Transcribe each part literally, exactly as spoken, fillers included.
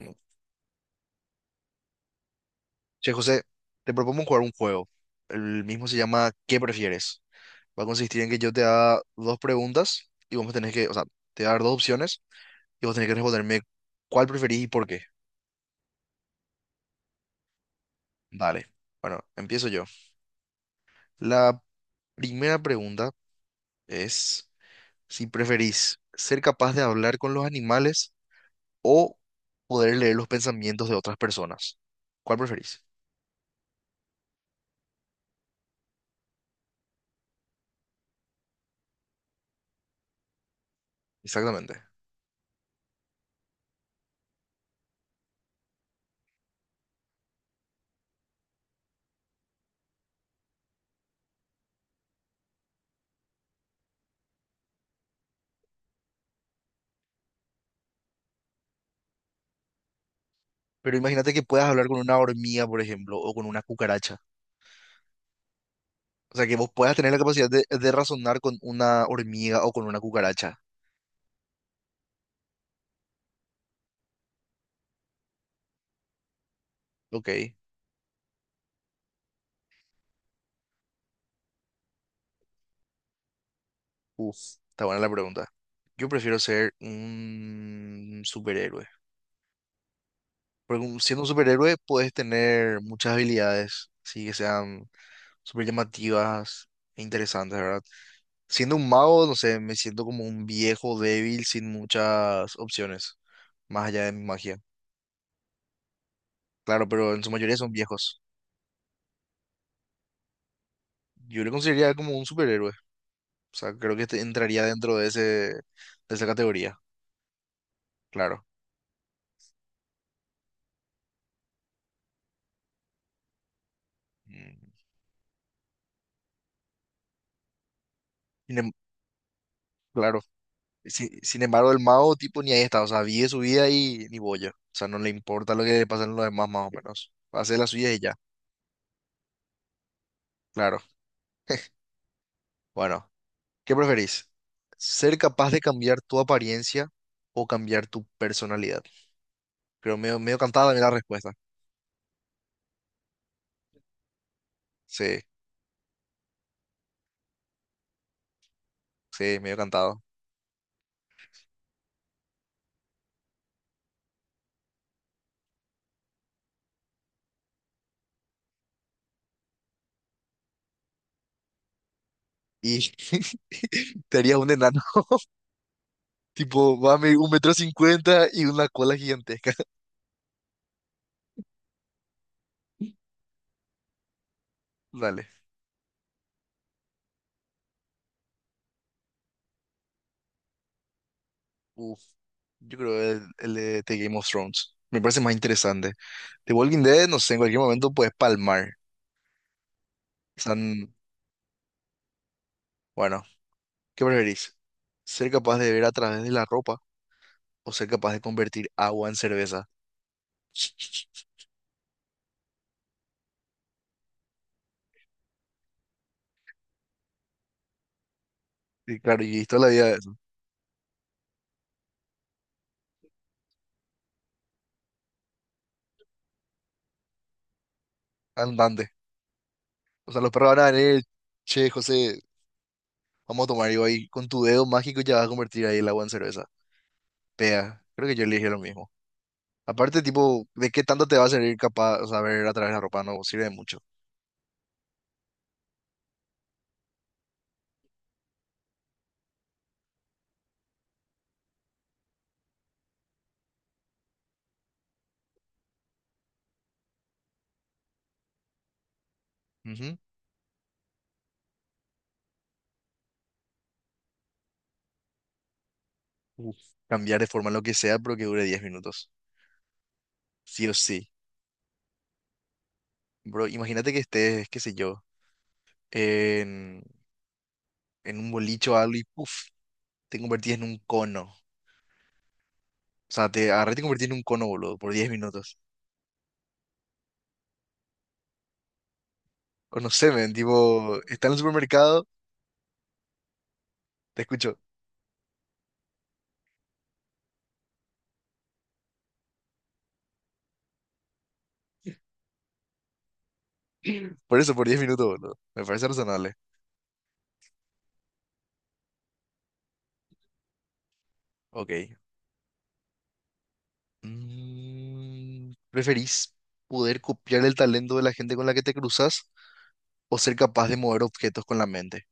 No. Che, José, te propongo jugar un juego. El mismo se llama ¿Qué prefieres? Va a consistir en que yo te haga dos preguntas y vos me tenés que, o sea, te voy a dar dos opciones y vos tenés que responderme cuál preferís y por qué. Dale. Bueno, empiezo yo. La primera pregunta es si preferís ser capaz de hablar con los animales o poder leer los pensamientos de otras personas. ¿Cuál preferís? Exactamente. Pero imagínate que puedas hablar con una hormiga, por ejemplo, o con una cucaracha. O sea, que vos puedas tener la capacidad de, de razonar con una hormiga o con una cucaracha. Ok. Uf, está buena la pregunta. Yo prefiero ser un superhéroe. Porque un- siendo un superhéroe puedes tener muchas habilidades, así que sean súper llamativas e interesantes, ¿verdad? Siendo un mago, no sé, me siento como un viejo débil sin muchas opciones, más allá de mi magia. Claro, pero en su mayoría son viejos. Yo le consideraría como un superhéroe. O sea, creo que te- entraría dentro de ese, de esa categoría, claro. Mm. Sin em- claro. Sin, sin embargo, el mago, tipo, ni ahí está. O sea, vive su vida y ni boya. O sea, no le importa lo que le pasa a los demás, más o menos. Hace la suya y ya. Claro. Bueno, ¿qué preferís? ¿Ser capaz de cambiar tu apariencia o cambiar tu personalidad? Creo medio, medio cantada también la respuesta. Sí, sí, medio cantado. Y te harías un enano. Tipo, va a medir un metro cincuenta y una cola gigantesca. Dale. Uf, yo creo el, el de The Game of Thrones. Me parece más interesante. The Walking Dead, no sé, en cualquier momento puedes palmar. Están, bueno, ¿qué preferís? ¿Ser capaz de ver a través de la ropa o ser capaz de convertir agua en cerveza? Y claro, y toda la vida es andante. O sea, los perros van a venir, che, José, vamos a tomar. Y ahí con tu dedo mágico ya vas a convertir ahí el agua en cerveza. Pea, creo que yo elegí lo mismo. Aparte, tipo, ¿de qué tanto te va a servir capaz, o sea, ver a través de la ropa? No sirve de mucho. Ujú. Uf. Cambiar de forma lo que sea, pero que dure diez minutos. Sí o sí. Bro, imagínate que estés, qué sé yo, en, en un bolicho o algo y puff, te convertís en un cono. O sea, te agarré y te convertís en un cono, boludo, por diez minutos. O no sé, men, tipo, está en el supermercado. Te escucho. Por eso, por diez minutos, boludo. Me parece razonable. Ok. Mm, ¿preferís poder copiar el talento de la gente con la que te cruzas o ser capaz de mover objetos con la mente?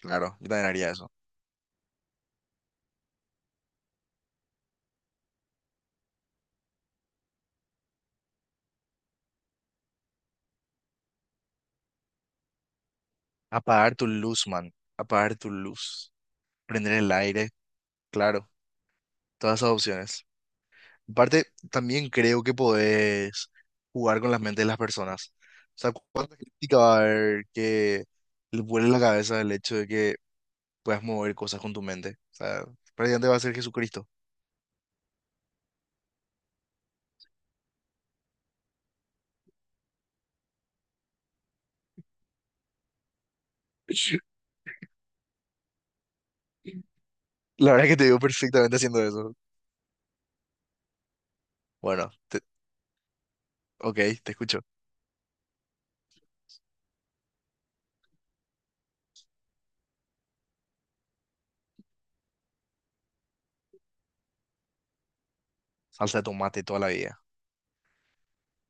Claro, yo también haría eso. Apagar tu luz, man. Apagar tu luz. Prender el aire. Claro, todas esas opciones. Aparte, también creo que podés jugar con las mentes de las personas. O sea, ¿cuánta crítica va a haber que le vuele la cabeza el hecho de que puedas mover cosas con tu mente? O sea, prácticamente va a ser Jesucristo. La verdad es que te veo perfectamente haciendo eso. Bueno, te- ok, te escucho. Salsa de tomate toda la vida.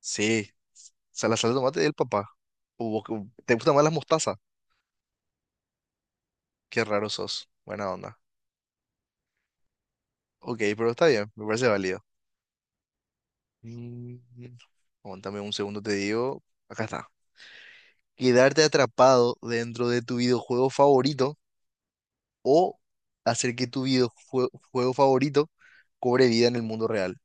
Sí, o sea, la salsa de tomate del papá. O vos que- uh, ¿te gustan más las mostazas? Qué raro sos. Buena onda. Ok, pero está bien, me parece válido. Mm, aguántame un segundo, te digo. Acá está. Quedarte atrapado dentro de tu videojuego favorito o hacer que tu videojuego favorito cobre vida en el mundo real.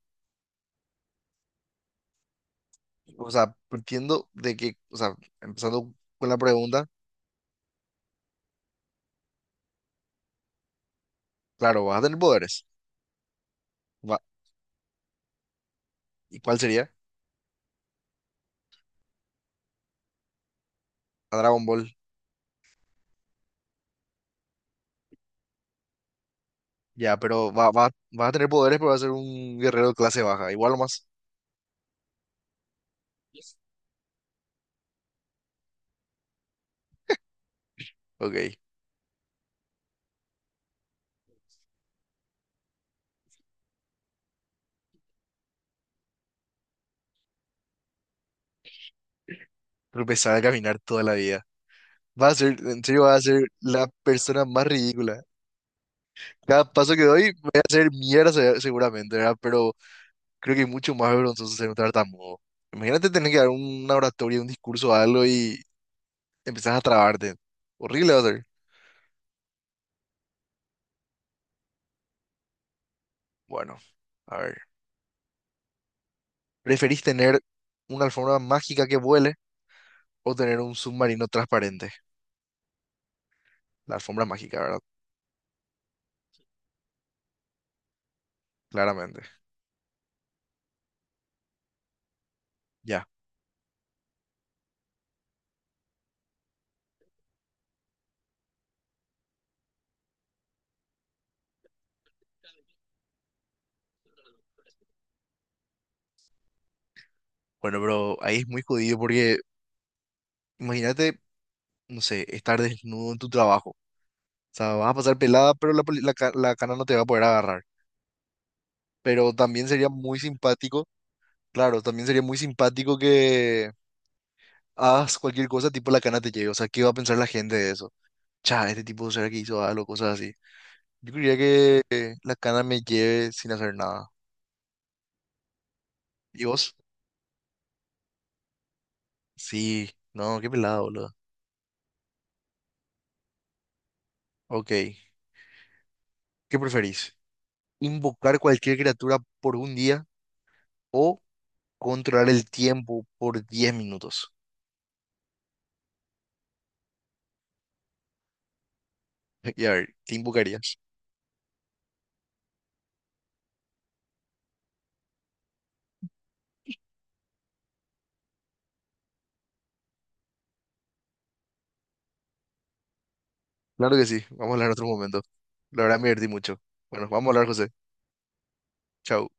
O sea, entiendo de que, o sea, empezando con la pregunta, claro, vas a tener poderes. Va- ¿y cuál sería? A Dragon Ball. Ya, pero va, va, vas a tener poderes, pero vas a ser un guerrero de clase baja. Igual o más. Ok. Pero empezar a caminar toda la vida. Vas a ser, en serio, vas a ser la persona más ridícula. Cada paso que doy, voy a hacer mierda se- seguramente, ¿verdad? Pero creo que es mucho más vergonzoso ser un tartamudo. Imagínate tener que dar una oratoria, un discurso, algo y empezás a trabarte. Horrible va a ser. Bueno, a ver. ¿Preferís tener una alfombra mágica que vuele o tener un submarino transparente? La alfombra mágica, ¿verdad? Claramente. Ya. Bueno, pero ahí es muy jodido porque imagínate, no sé, estar desnudo en tu trabajo. O sea, vas a pasar pelada, pero la, poli- la, ca- la cana no te va a poder agarrar. Pero también sería muy simpático, claro, también sería muy simpático que hagas cualquier cosa, tipo la cana te llegue. O sea, ¿qué va a pensar la gente de eso? Cha, este tipo será que hizo algo, cosas así. Yo quería que eh, la cana me lleve sin hacer nada. ¿Y vos? Sí, no, qué pelado, boludo. Ok, ¿qué preferís? ¿Invocar cualquier criatura por un día o controlar el tiempo por diez minutos? Y a ver, ¿qué invocarías? Claro que sí, vamos a hablar en otro momento. La verdad me divertí mucho. Bueno, vamos a hablar, José. Chau.